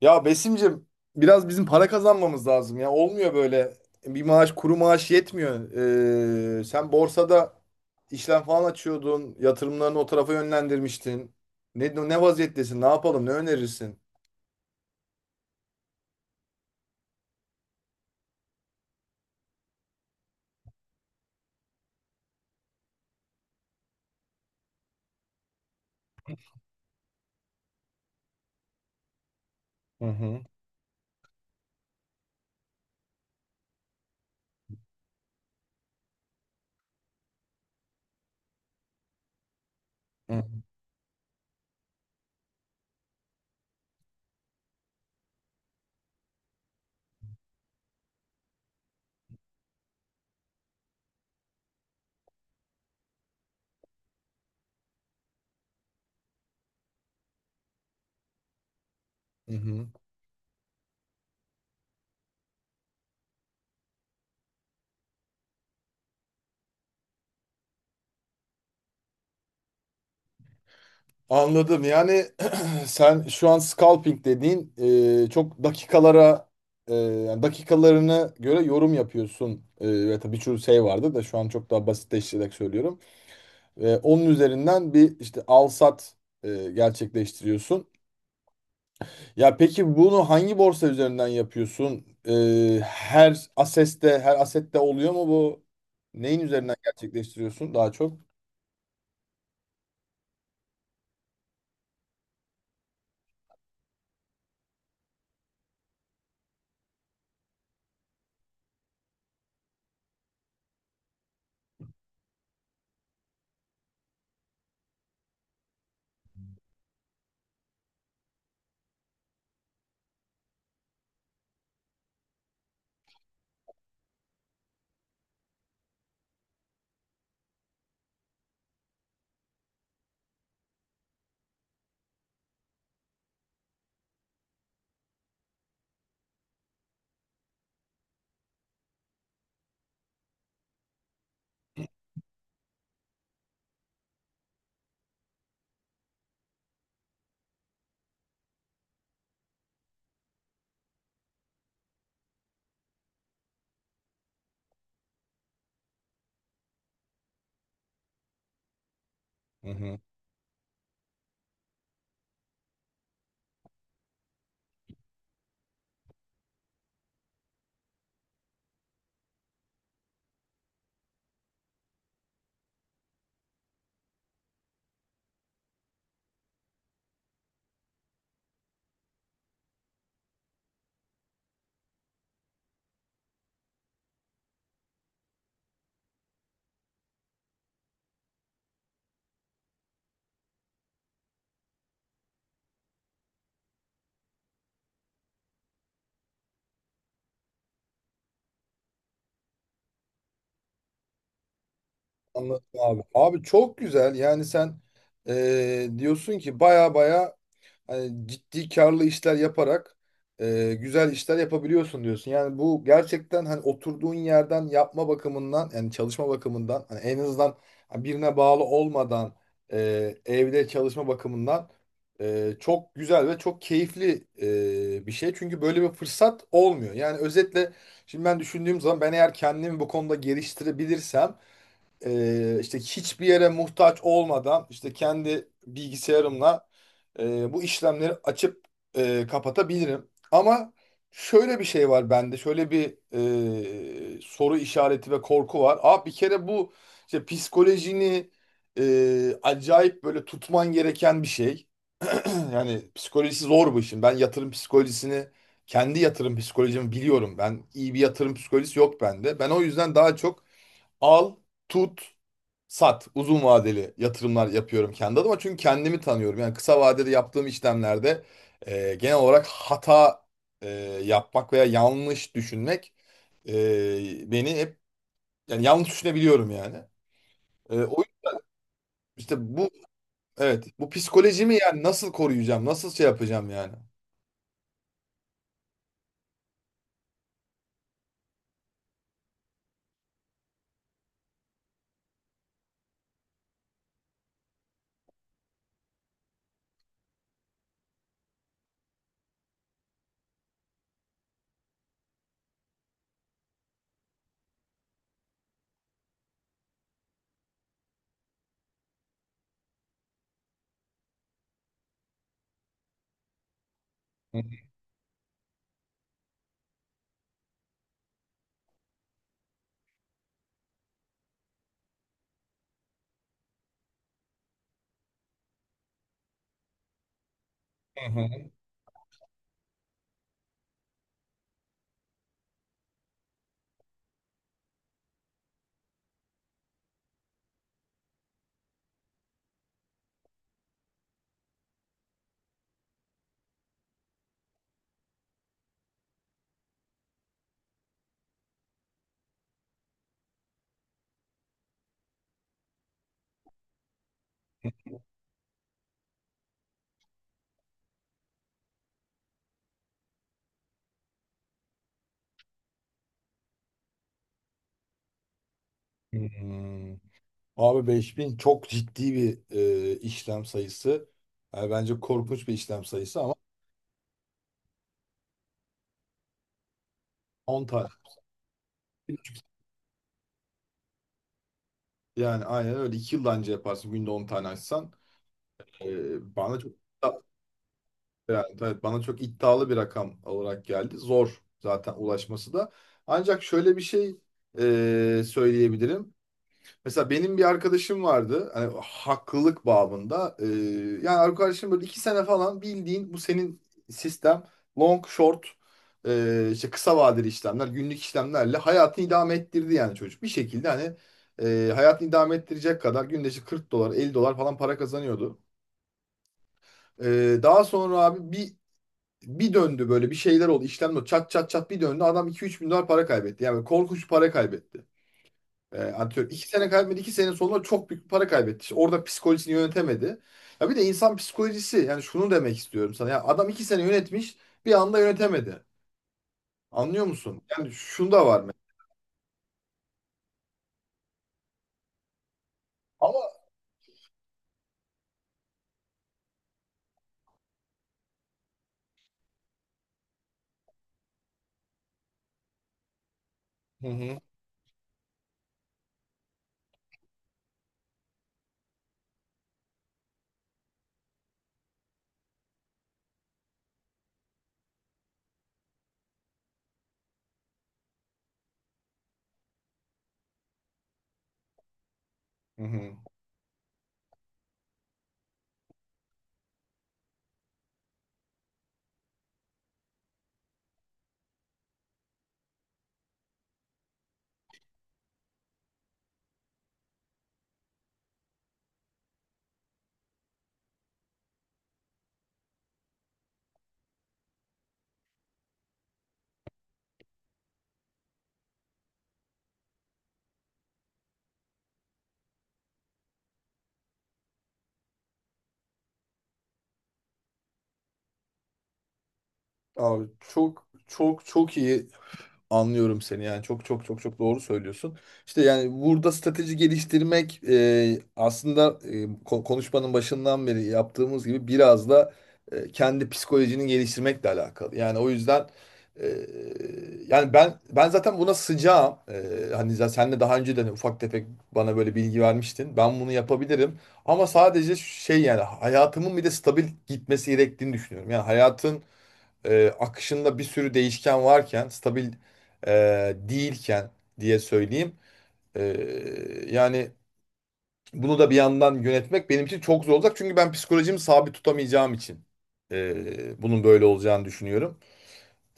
Ya Besim'cim biraz bizim para kazanmamız lazım ya. Olmuyor böyle. Bir maaş kuru maaş yetmiyor. Sen borsada işlem falan açıyordun. Yatırımlarını o tarafa yönlendirmiştin. Ne vaziyettesin? Ne yapalım? Ne önerirsin? Hı hı. Hı hı. Hı. Anladım. Yani sen şu an scalping dediğin çok dakikalara yani dakikalarına göre yorum yapıyorsun. Ve tabii birçok şey vardı da şu an çok daha basitleştirerek söylüyorum. Ve onun üzerinden bir işte al sat gerçekleştiriyorsun. Ya peki bunu hangi borsa üzerinden yapıyorsun? Her asette oluyor mu bu? Neyin üzerinden gerçekleştiriyorsun daha çok? Hı hı. Anladım abi. Abi çok güzel. Yani sen diyorsun ki baya baya hani ciddi karlı işler yaparak güzel işler yapabiliyorsun diyorsun. Yani bu gerçekten hani oturduğun yerden yapma bakımından yani çalışma bakımından hani en azından birine bağlı olmadan evde çalışma bakımından çok güzel ve çok keyifli bir şey. Çünkü böyle bir fırsat olmuyor. Yani özetle şimdi ben düşündüğüm zaman ben eğer kendimi bu konuda geliştirebilirsem işte hiçbir yere muhtaç olmadan işte kendi bilgisayarımla bu işlemleri açıp kapatabilirim. Ama şöyle bir şey var bende, şöyle bir soru işareti ve korku var. Abi bir kere bu işte psikolojini acayip böyle tutman gereken bir şey. Yani psikolojisi zor bu işin. Ben yatırım psikolojisini kendi yatırım psikolojimi biliyorum. Ben iyi bir yatırım psikolojisi yok bende. Ben o yüzden daha çok al, tut, sat. Uzun vadeli yatırımlar yapıyorum kendi adıma. Çünkü kendimi tanıyorum. Yani kısa vadede yaptığım işlemlerde genel olarak hata e, yapmak veya yanlış düşünmek beni hep yani yanlış düşünebiliyorum yani. O işte bu evet bu psikolojimi yani nasıl koruyacağım? Nasıl şey yapacağım yani? Hı hı. Hmm. Abi 5000 çok ciddi bir işlem sayısı. Yani bence korkunç bir işlem sayısı ama 10 tane. Yani aynen öyle. İki yıl da anca yaparsın günde 10 tane açsan. Bana çok yani, tabii bana çok iddialı bir rakam olarak geldi. Zor zaten ulaşması da. Ancak şöyle bir şey söyleyebilirim. Mesela benim bir arkadaşım vardı. Hani haklılık babında. Yani arkadaşım böyle iki sene falan bildiğin bu senin sistem long short işte kısa vadeli işlemler günlük işlemlerle hayatını idame ettirdi yani çocuk. Bir şekilde hani hayatını idame ettirecek kadar günde işte 40 dolar 50 dolar falan para kazanıyordu. Daha sonra abi bir döndü böyle bir şeyler oldu işlemler oldu. Çat çat çat bir döndü adam iki üç bin dolar para kaybetti. Yani korkunç bir para kaybetti. Antrenör. İki sene kaybetmedi. İki sene sonunda çok büyük bir para kaybetti. İşte orada psikolojisini yönetemedi. Ya bir de insan psikolojisi yani şunu demek istiyorum sana. Ya adam iki sene yönetmiş bir anda yönetemedi. Anlıyor musun? Yani şunu da var mı? Ama Hı hı. Hı hı. Abi çok çok çok iyi anlıyorum seni yani çok çok çok çok doğru söylüyorsun. İşte yani burada strateji geliştirmek aslında konuşmanın başından beri yaptığımız gibi biraz da kendi psikolojini geliştirmekle alakalı. Yani o yüzden e, yani ben zaten buna sıcağım. Hani zaten senle daha önce de hani ufak tefek bana böyle bilgi vermiştin. Ben bunu yapabilirim ama sadece şey yani hayatımın bir de stabil gitmesi gerektiğini düşünüyorum. Yani hayatın akışında bir sürü değişken varken, stabil değilken diye söyleyeyim. E, Yani bunu da bir yandan yönetmek benim için çok zor olacak. Çünkü ben psikolojimi sabit tutamayacağım için bunun böyle olacağını düşünüyorum.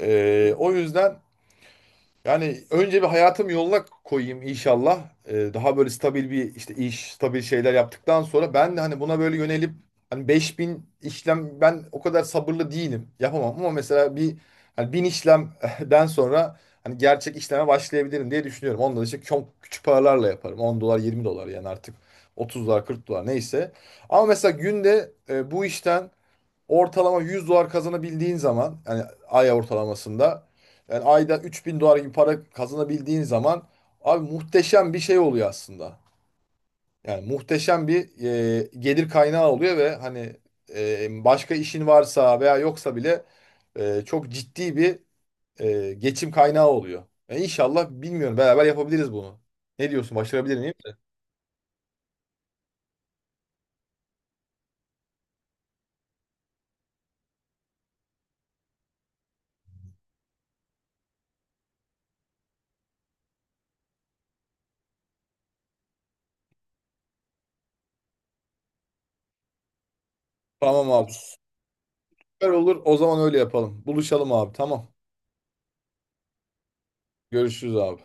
O yüzden... Yani önce bir hayatım yoluna koyayım inşallah. Daha böyle stabil bir işte iş, stabil şeyler yaptıktan sonra ben de hani buna böyle yönelip hani 5000 işlem ben o kadar sabırlı değilim. Yapamam ama mesela bir hani 1000 işlemden sonra hani gerçek işleme başlayabilirim diye düşünüyorum. Ondan işte çok küçük paralarla yaparım. 10 dolar, 20 dolar yani artık 30 dolar, 40 dolar neyse. Ama mesela günde bu işten ortalama 100 dolar kazanabildiğin zaman yani ay ortalamasında yani ayda 3000 dolar gibi para kazanabildiğin zaman abi muhteşem bir şey oluyor aslında. Yani muhteşem bir gelir kaynağı oluyor ve hani başka işin varsa veya yoksa bile çok ciddi bir geçim kaynağı oluyor. Yani inşallah bilmiyorum beraber yapabiliriz bunu. Ne diyorsun başarabilir miyim? Tamam abi. Süper olur o zaman öyle yapalım. Buluşalım abi tamam. Görüşürüz abi.